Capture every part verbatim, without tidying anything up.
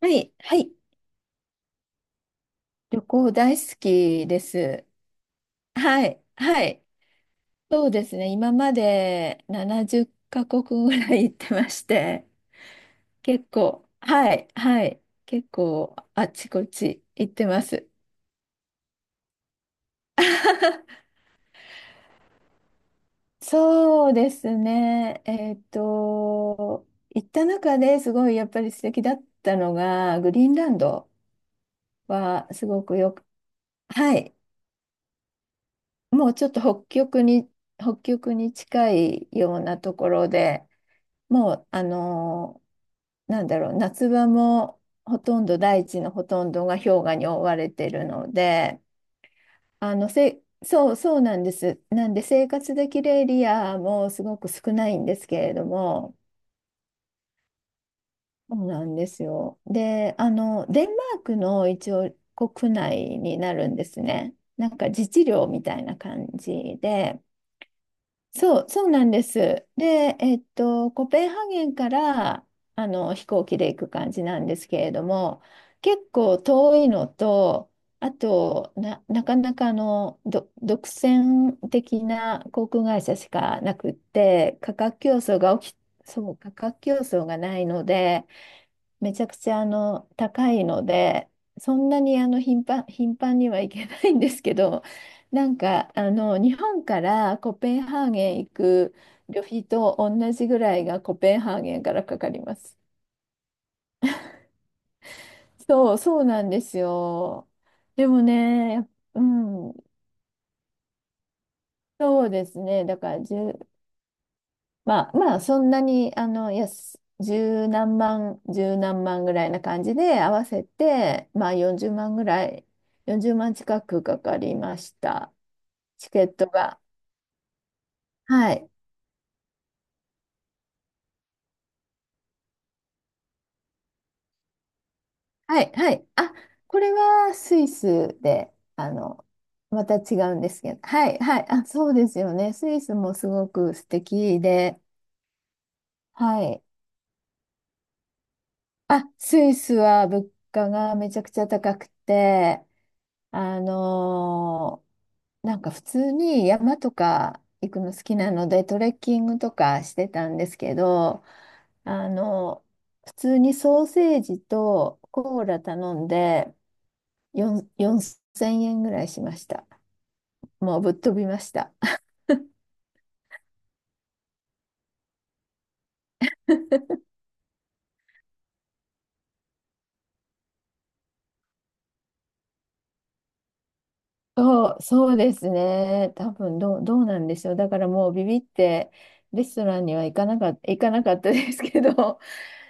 はい、はい。旅行大好きです。はい、はい。そうですね。今までななじゅうカ国ぐらい行ってまして、結構、はい、はい。結構、あちこち行ってます。そうですね。えっと、行った中ですごいやっぱり素敵だったのが、グリーンランドはすごくよく、はい。もうちょっと北極に、北極に近いようなところで、もう、あのーなんだろう、夏場もほとんど大地のほとんどが氷河に覆われてるので、あの、せ、そう、そうなんです。なんで生活できるエリアもすごく少ないんですけれども、そうなんですよ。で、あの、デンマークの一応国内になるんですね。なんか自治領みたいな感じで。そう、そうなんです。で、えっと、コペンハーゲンからあの飛行機で行く感じなんですけれども、結構遠いのと、あとな、なかなかあのど独占的な航空会社しかなくって、価格競争が起き、そう、価格競争がないので、めちゃくちゃあの高いので、そんなにあの頻繁、頻繁には行けないんですけど、なんかあの日本からコペンハーゲン行く旅費と同じぐらいがコペンハーゲンからかかります。そう、そうなんですよ。でもね、うん、そうですね。だからいちまあまあ、そんなに、あの、やす、十何万、十何万ぐらいな感じで合わせて、まあよんじゅうまんぐらい、よんじゅうまん近くかかりました。チケットが。はい。はい。はい。あ、これはスイスで、あの、また違うんですけど。はい。はい。あ、そうですよね。スイスもすごく素敵で。はい。あ、スイスは物価がめちゃくちゃ高くて、あのーなんか普通に山とか行くの好きなのでトレッキングとかしてたんですけど、あの、普通にソーセージとコーラ頼んでよん、よんせんえんぐらいしました。もうぶっ飛びました。そう、そうですね。多分どう、どうなんでしょう。だからもうビビってレストランには行かなかった、行かなかったですけど、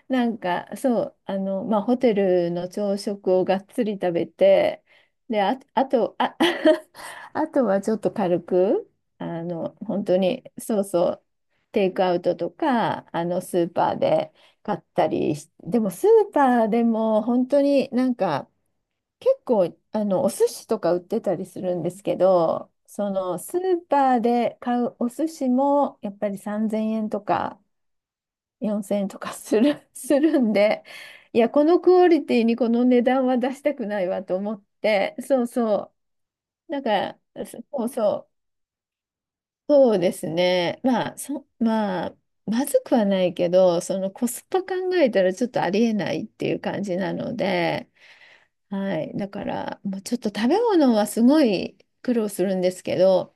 なんかそう、あの、まあ、ホテルの朝食をがっつり食べて、で、あ、あと、あ、あとはちょっと軽く、あの、本当に、そうそう、テイクアウトとか、あの、スーパーで買ったりし、でもスーパーでも本当になんか、結構、あの、お寿司とか売ってたりするんですけど、その、スーパーで買うお寿司も、やっぱりさんぜんえんとか、よんせんえんとかする、するんで、いや、このクオリティにこの値段は出したくないわと思って、そうそう。だから、そうそう、そうですね。まあ、そ、まあ、まずくはないけど、そのコスパ考えたらちょっとありえないっていう感じなので、はい。だから、もうちょっと食べ物はすごい苦労するんですけど、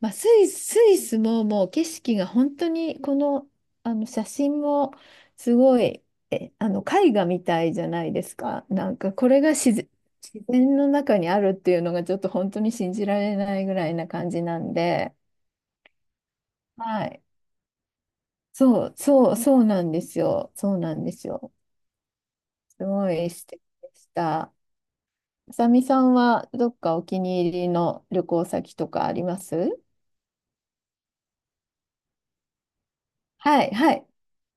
まあ、スイス、スイスももう景色が本当に、この、あの写真もすごい、あの、絵画みたいじゃないですか。なんか、これが自然、自然の中にあるっていうのがちょっと本当に信じられないぐらいな感じなんで、はい。そう、そう、そうなんですよ。そうなんですよ。すごい素敵でした。あさみさんはどっかお気に入りの旅行先とかあります？はい、はい。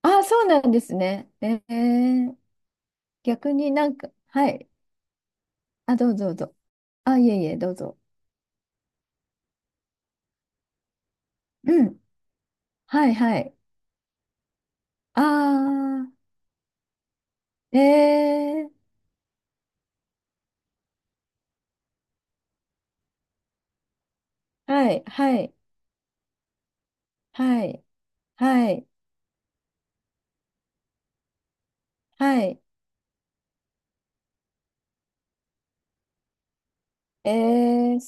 あ、そうなんですね。えー、逆になんか、はい。あ、どうぞどうぞ。あ、いえいえ、どうぞ。うん。はい、はい。ああ。えー、はい、はい、はい、はい、はい、えー、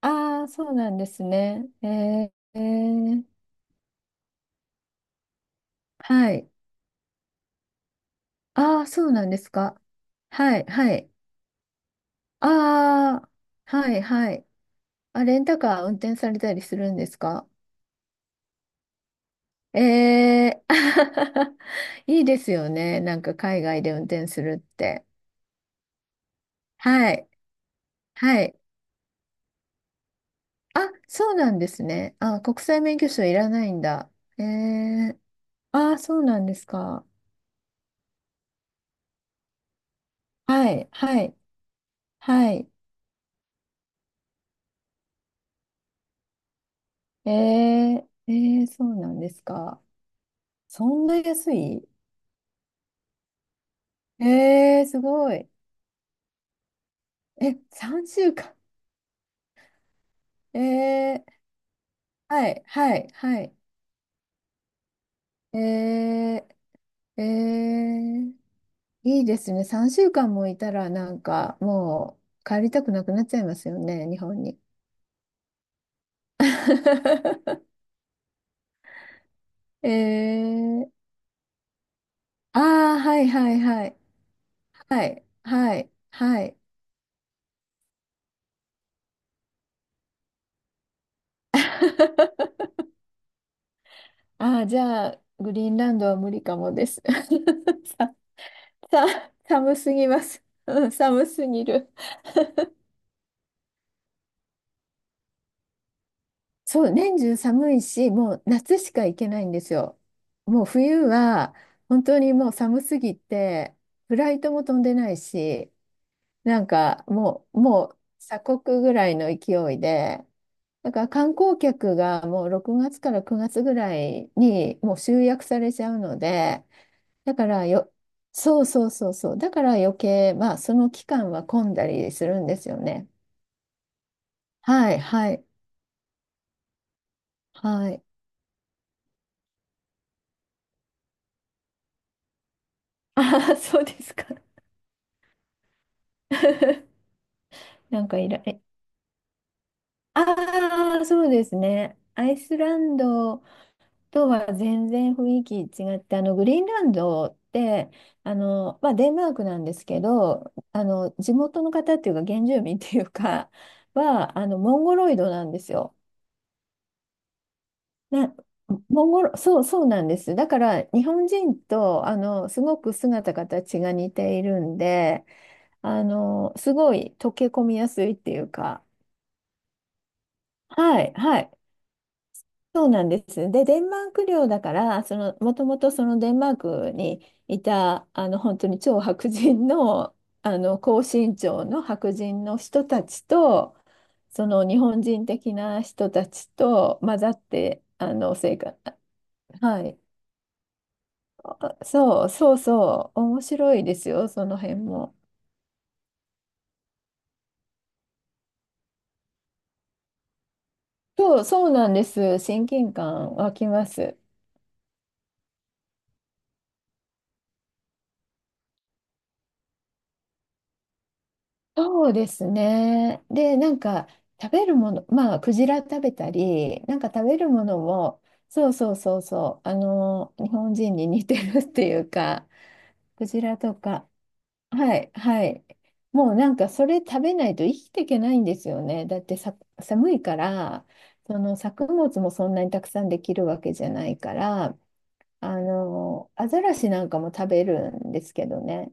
ああー、そうなんですね。えー、えーはい、ああ、そうなんですか。はい、はい、ああ、はい、はい。あ、レンタカー運転されたりするんですか？えー、いいですよね。なんか海外で運転するって。はい、はい。あ、そうなんですね。あ、国際免許証いらないんだ。えーああ、そうなんですか。はい、はい、はい。えー、えー、そうなんですか。そんな安い？えー、すごい。え、さんしゅうかん？えー、はい、はい、はい。えー、えー、いいですね。さんしゅうかんもいたら、なんか、もう帰りたくなくなっちゃいますよね、日本に。えー、ああ、はい、はい、はい。はい、はい、はい。ああ、じゃあ、グリーンランドは無理かもです。さ、さ、寒すぎます。うん、寒すぎる。そう、年中寒いし、もう夏しか行けないんですよ。もう冬は、本当にもう寒すぎて、フライトも飛んでないし、なんかもう、もう鎖国ぐらいの勢いで、だから観光客がもうろくがつからくがつぐらいにもう集約されちゃうので、だからよ、そうそうそうそう。だから余計、まあ、その期間は混んだりするんですよね。はい、はい、はい。ああ、そうですか。なんかいら、え、ああ、そうですね。アイスランドとは全然雰囲気違って、あの、グリーンランドって、あの、まあ、デンマークなんですけど、あの、地元の方っていうか、原住民っていうか、は、あの、モンゴロイドなんですよ。な、モンゴル、そう、そうなんです。だから、日本人と、あの、すごく姿形が似ているんで、あの、すごい溶け込みやすいっていうか、はい、はい、そうなんです。で、デンマーク領だから、その、もともとそのデンマークにいた、あの、本当に超白人の、あの、高身長の白人の人たちと、その日本人的な人たちと混ざって、あの、生活、はい。あ、そうそうそう、面白いですよ、その辺も。そう、そうなんです。親近感湧きます。そうですね。で、なんか食べるもの、まあ、クジラ食べたり、なんか食べるものも、そうそうそうそう、あの、日本人に似てるっていうか、クジラとか、はいはい。もうなんかそれ食べないと生きていけないんですよね。だってさ、寒いから、その作物もそんなにたくさんできるわけじゃないから。あの、アザラシなんかも食べるんですけどね。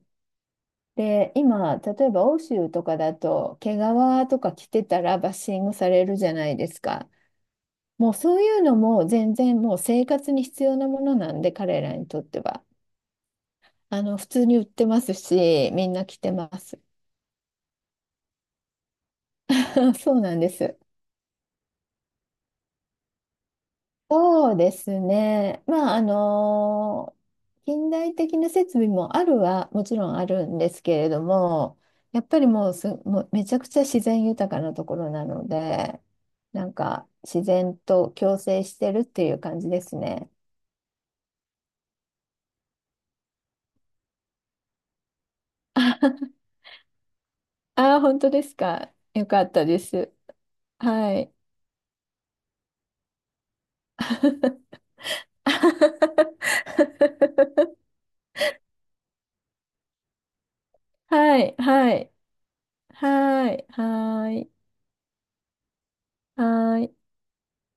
で、今、例えば欧州とかだと、毛皮とか着てたらバッシングされるじゃないですか。もうそういうのも全然もう生活に必要なものなんで、彼らにとっては。あの、普通に売ってますし、みんな着てます。そうなんです。そうですね。まあ、あの近代的な設備もあるはもちろんあるんですけれども、やっぱりもうす、もうめちゃくちゃ自然豊かなところなので、なんか自然と共生してるっていう感じですね。ああー、本当ですか。よかったです。はい。はい、はい、はい、はい、はい。